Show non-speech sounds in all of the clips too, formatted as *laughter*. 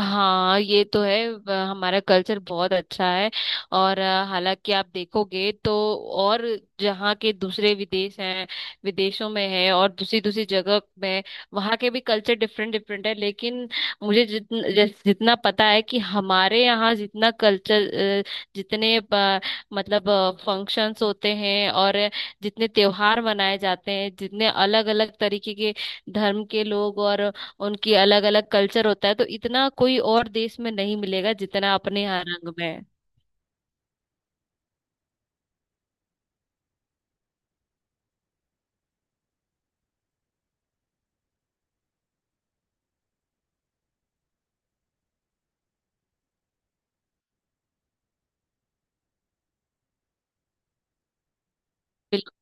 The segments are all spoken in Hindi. हाँ, ये तो है। हमारा कल्चर बहुत अच्छा है। और हालांकि आप देखोगे तो, और जहाँ के दूसरे विदेश हैं, विदेशों में है और दूसरी दूसरी जगह में वहाँ के भी कल्चर डिफरेंट डिफरेंट है, लेकिन मुझे जितना जितना पता है कि हमारे यहाँ जितना कल्चर, जितने मतलब फंक्शंस होते हैं और जितने त्योहार मनाए जाते हैं, जितने अलग अलग तरीके के धर्म के लोग, और उनकी अलग अलग कल्चर होता है, तो इतना कोई और देश में नहीं मिलेगा जितना अपने यहाँ रंग में है। बिल्कुल।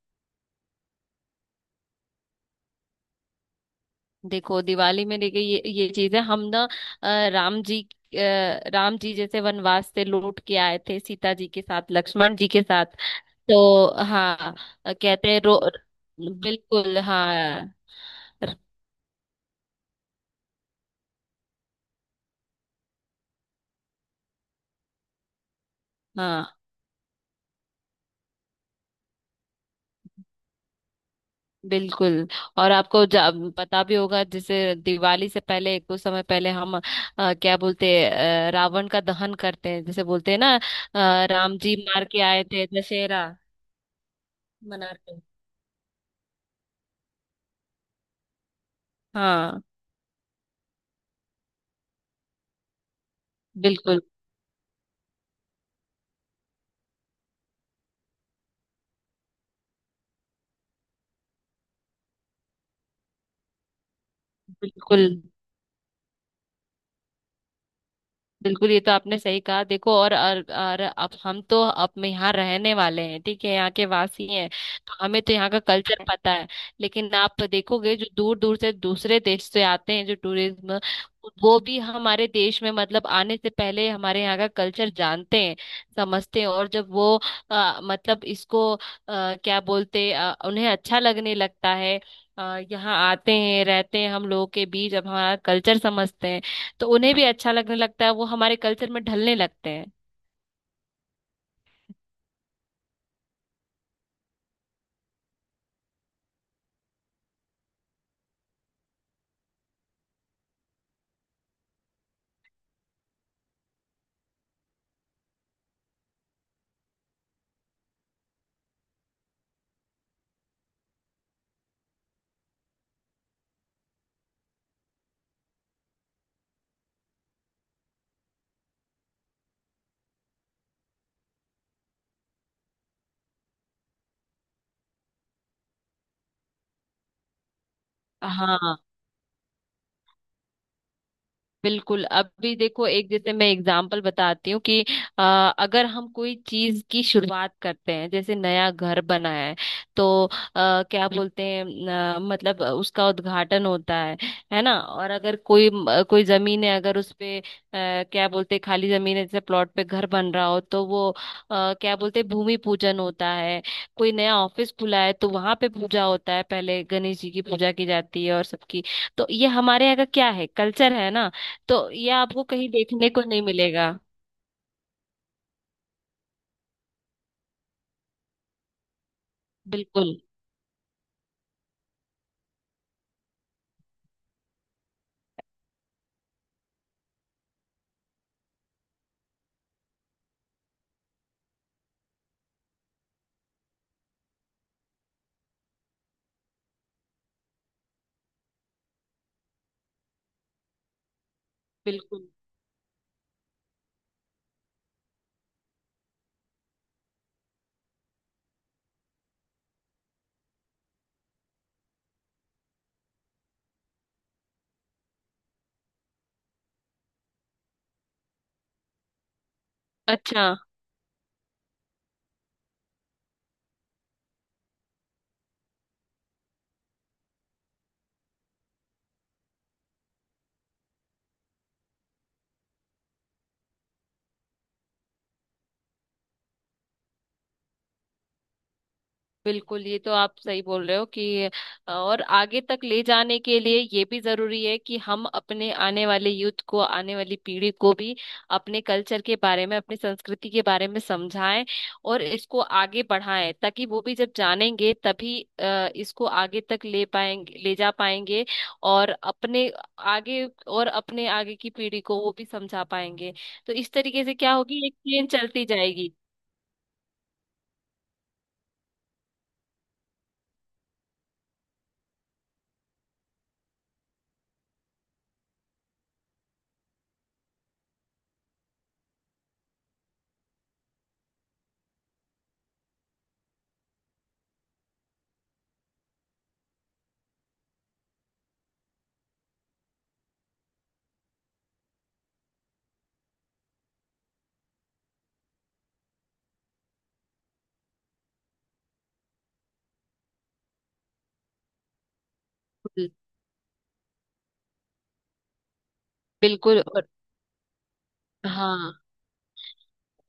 देखो दिवाली में, देखिए ये चीज है, हम ना राम जी, राम जी जैसे वनवास से लौट के आए थे, सीता जी के साथ, लक्ष्मण जी के साथ। तो हाँ, कहते हैं रो बिल्कुल हाँ। हाँ, बिल्कुल। और आपको पता भी होगा, जैसे दिवाली से पहले कुछ समय पहले हम क्या बोलते हैं, रावण का दहन करते हैं, जैसे बोलते हैं ना। राम जी मार के आए थे, दशहरा मनाते हैं। हाँ। बिल्कुल। बिल्कुल। बिल्कुल, ये तो आपने सही कहा। देखो और अब हम तो अब यहाँ रहने वाले हैं, ठीक है, यहाँ के वासी हैं। तो हमें तो यहाँ का कल्चर *laughs* पता है। लेकिन आप देखोगे जो दूर दूर से दूसरे देश से आते हैं, जो टूरिज्म, वो भी हमारे देश में मतलब आने से पहले हमारे यहाँ का कल्चर जानते हैं, समझते हैं। और जब वो मतलब इसको क्या बोलते उन्हें अच्छा लगने लगता है। यहाँ आते हैं, रहते हैं हम लोगों के बीच, अब हमारा कल्चर समझते हैं, तो उन्हें भी अच्छा लगने लगता है, वो हमारे कल्चर में ढलने लगते हैं। हाँ। बिल्कुल, अभी देखो, एक जैसे मैं एग्जांपल बताती हूँ कि अ, अगर हम कोई चीज की शुरुआत करते हैं, जैसे नया घर बना है, तो क्या बोलते हैं, मतलब उसका उद्घाटन होता है ना। और अगर कोई जमीन है, अगर उस पे क्या बोलते हैं, खाली जमीन है, जैसे प्लॉट पे घर बन रहा हो, तो वो क्या बोलते हैं, भूमि पूजन होता है। कोई नया ऑफिस खुला है, तो वहां पे पूजा होता है, पहले गणेश जी की पूजा की जाती है और सबकी। तो ये हमारे यहाँ का क्या है, कल्चर है ना। तो ये आपको कहीं देखने को नहीं मिलेगा। बिल्कुल। बिल्कुल। अच्छा। बिल्कुल, ये तो आप सही बोल रहे हो कि और आगे तक ले जाने के लिए ये भी जरूरी है कि हम अपने आने वाले यूथ को, आने वाली पीढ़ी को भी अपने कल्चर के बारे में, अपनी संस्कृति के बारे में समझाएं और इसको आगे बढ़ाएं, ताकि वो भी जब जानेंगे तभी इसको आगे तक ले पाएंगे, ले जा पाएंगे, और अपने आगे, और अपने आगे की पीढ़ी को वो भी समझा पाएंगे। तो इस तरीके से क्या होगी, एक चेन चलती जाएगी। बिल्कुल। और हाँ।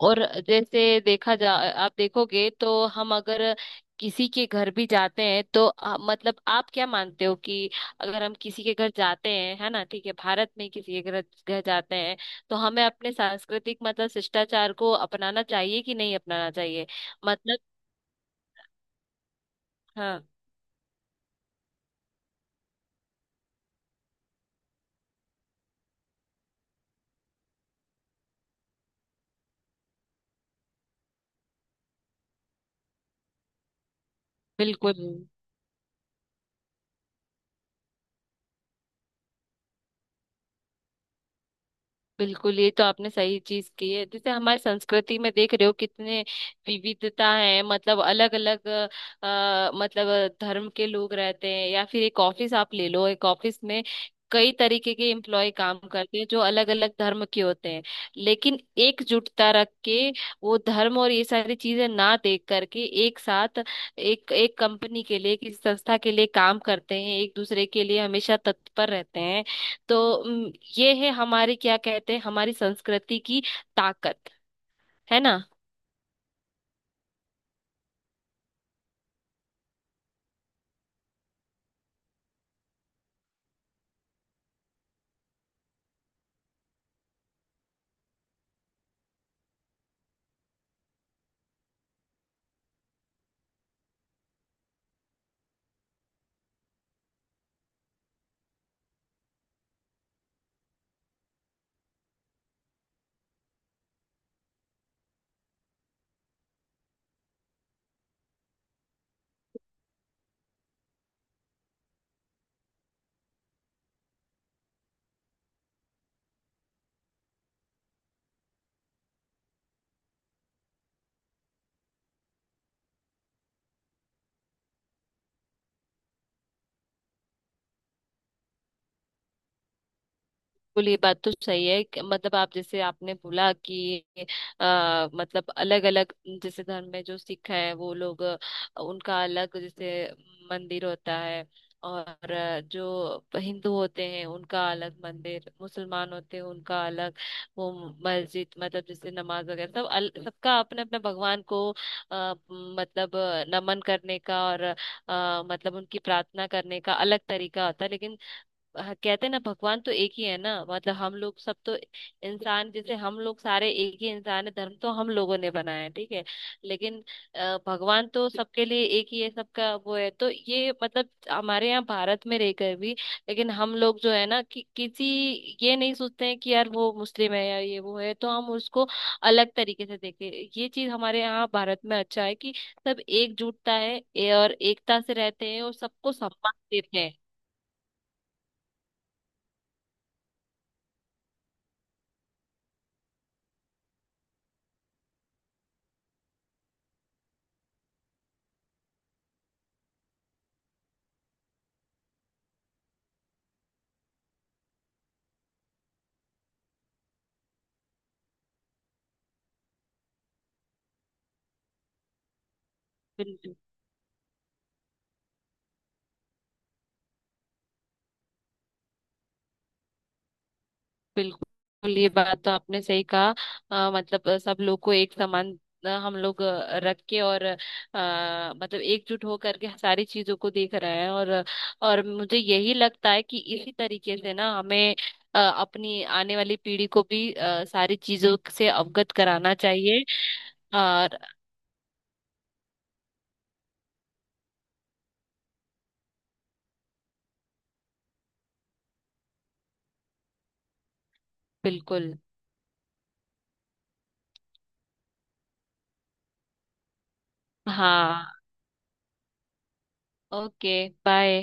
और जैसे देखा जा आप देखोगे तो, हम अगर किसी के घर भी जाते हैं तो मतलब आप क्या मानते हो कि अगर हम किसी के घर जाते हैं, है ना, ठीक है, भारत में किसी के घर घर जाते हैं, तो हमें अपने सांस्कृतिक मतलब शिष्टाचार को अपनाना चाहिए कि नहीं अपनाना चाहिए। मतलब हाँ, बिल्कुल। बिल्कुल, ये तो आपने सही चीज की है। जैसे हमारी संस्कृति में देख रहे हो कितने विविधता है, मतलब अलग अलग, मतलब धर्म के लोग रहते हैं, या फिर एक ऑफिस आप ले लो, एक ऑफिस में कई तरीके के एम्प्लॉय काम करते हैं जो अलग अलग धर्म के होते हैं। लेकिन एकजुटता रख के, वो धर्म और ये सारी चीजें ना देख करके, एक साथ एक एक कंपनी के लिए, किसी संस्था के लिए काम करते हैं, एक दूसरे के लिए हमेशा तत्पर रहते हैं। तो ये है हमारे, क्या कहते हैं, हमारी संस्कृति की ताकत, है ना। बिल्कुल। ये बात तो सही है कि मतलब, आप जैसे आपने बोला कि मतलब अलग अलग, जैसे धर्म में जो सिख है वो लोग, उनका अलग, जैसे मंदिर होता है। और जो हिंदू होते हैं उनका अलग मंदिर, मुसलमान होते हैं उनका अलग, वो मस्जिद। मतलब जैसे नमाज वगैरह, सब सबका अपने अपने भगवान को नमन करने का, और मतलब उनकी प्रार्थना करने का अलग तरीका होता है। लेकिन हाँ, कहते हैं ना भगवान तो एक ही है ना, मतलब हम लोग सब तो इंसान, जैसे हम लोग सारे एक ही इंसान है, धर्म तो हम लोगों ने बनाया है, ठीक है। लेकिन भगवान तो सबके लिए एक ही है, सबका वो है। तो ये मतलब हमारे यहाँ भारत में रहकर भी, लेकिन हम लोग जो है ना, कि किसी, ये नहीं सोचते हैं कि यार वो मुस्लिम है या ये वो है तो हम उसको अलग तरीके से देखें। ये चीज हमारे यहाँ भारत में अच्छा है कि सब एकजुटता है और एकता से रहते हैं और सबको सम्मान देते हैं। बिल्कुल। ये बात तो आपने सही कहा। मतलब सब लोग को एक समान हम लोग रख के और मतलब एकजुट हो करके सारी चीजों को देख रहे हैं। और मुझे यही लगता है कि इसी तरीके से ना हमें अपनी आने वाली पीढ़ी को भी सारी चीजों से अवगत कराना चाहिए। और बिल्कुल हाँ। Okay, bye.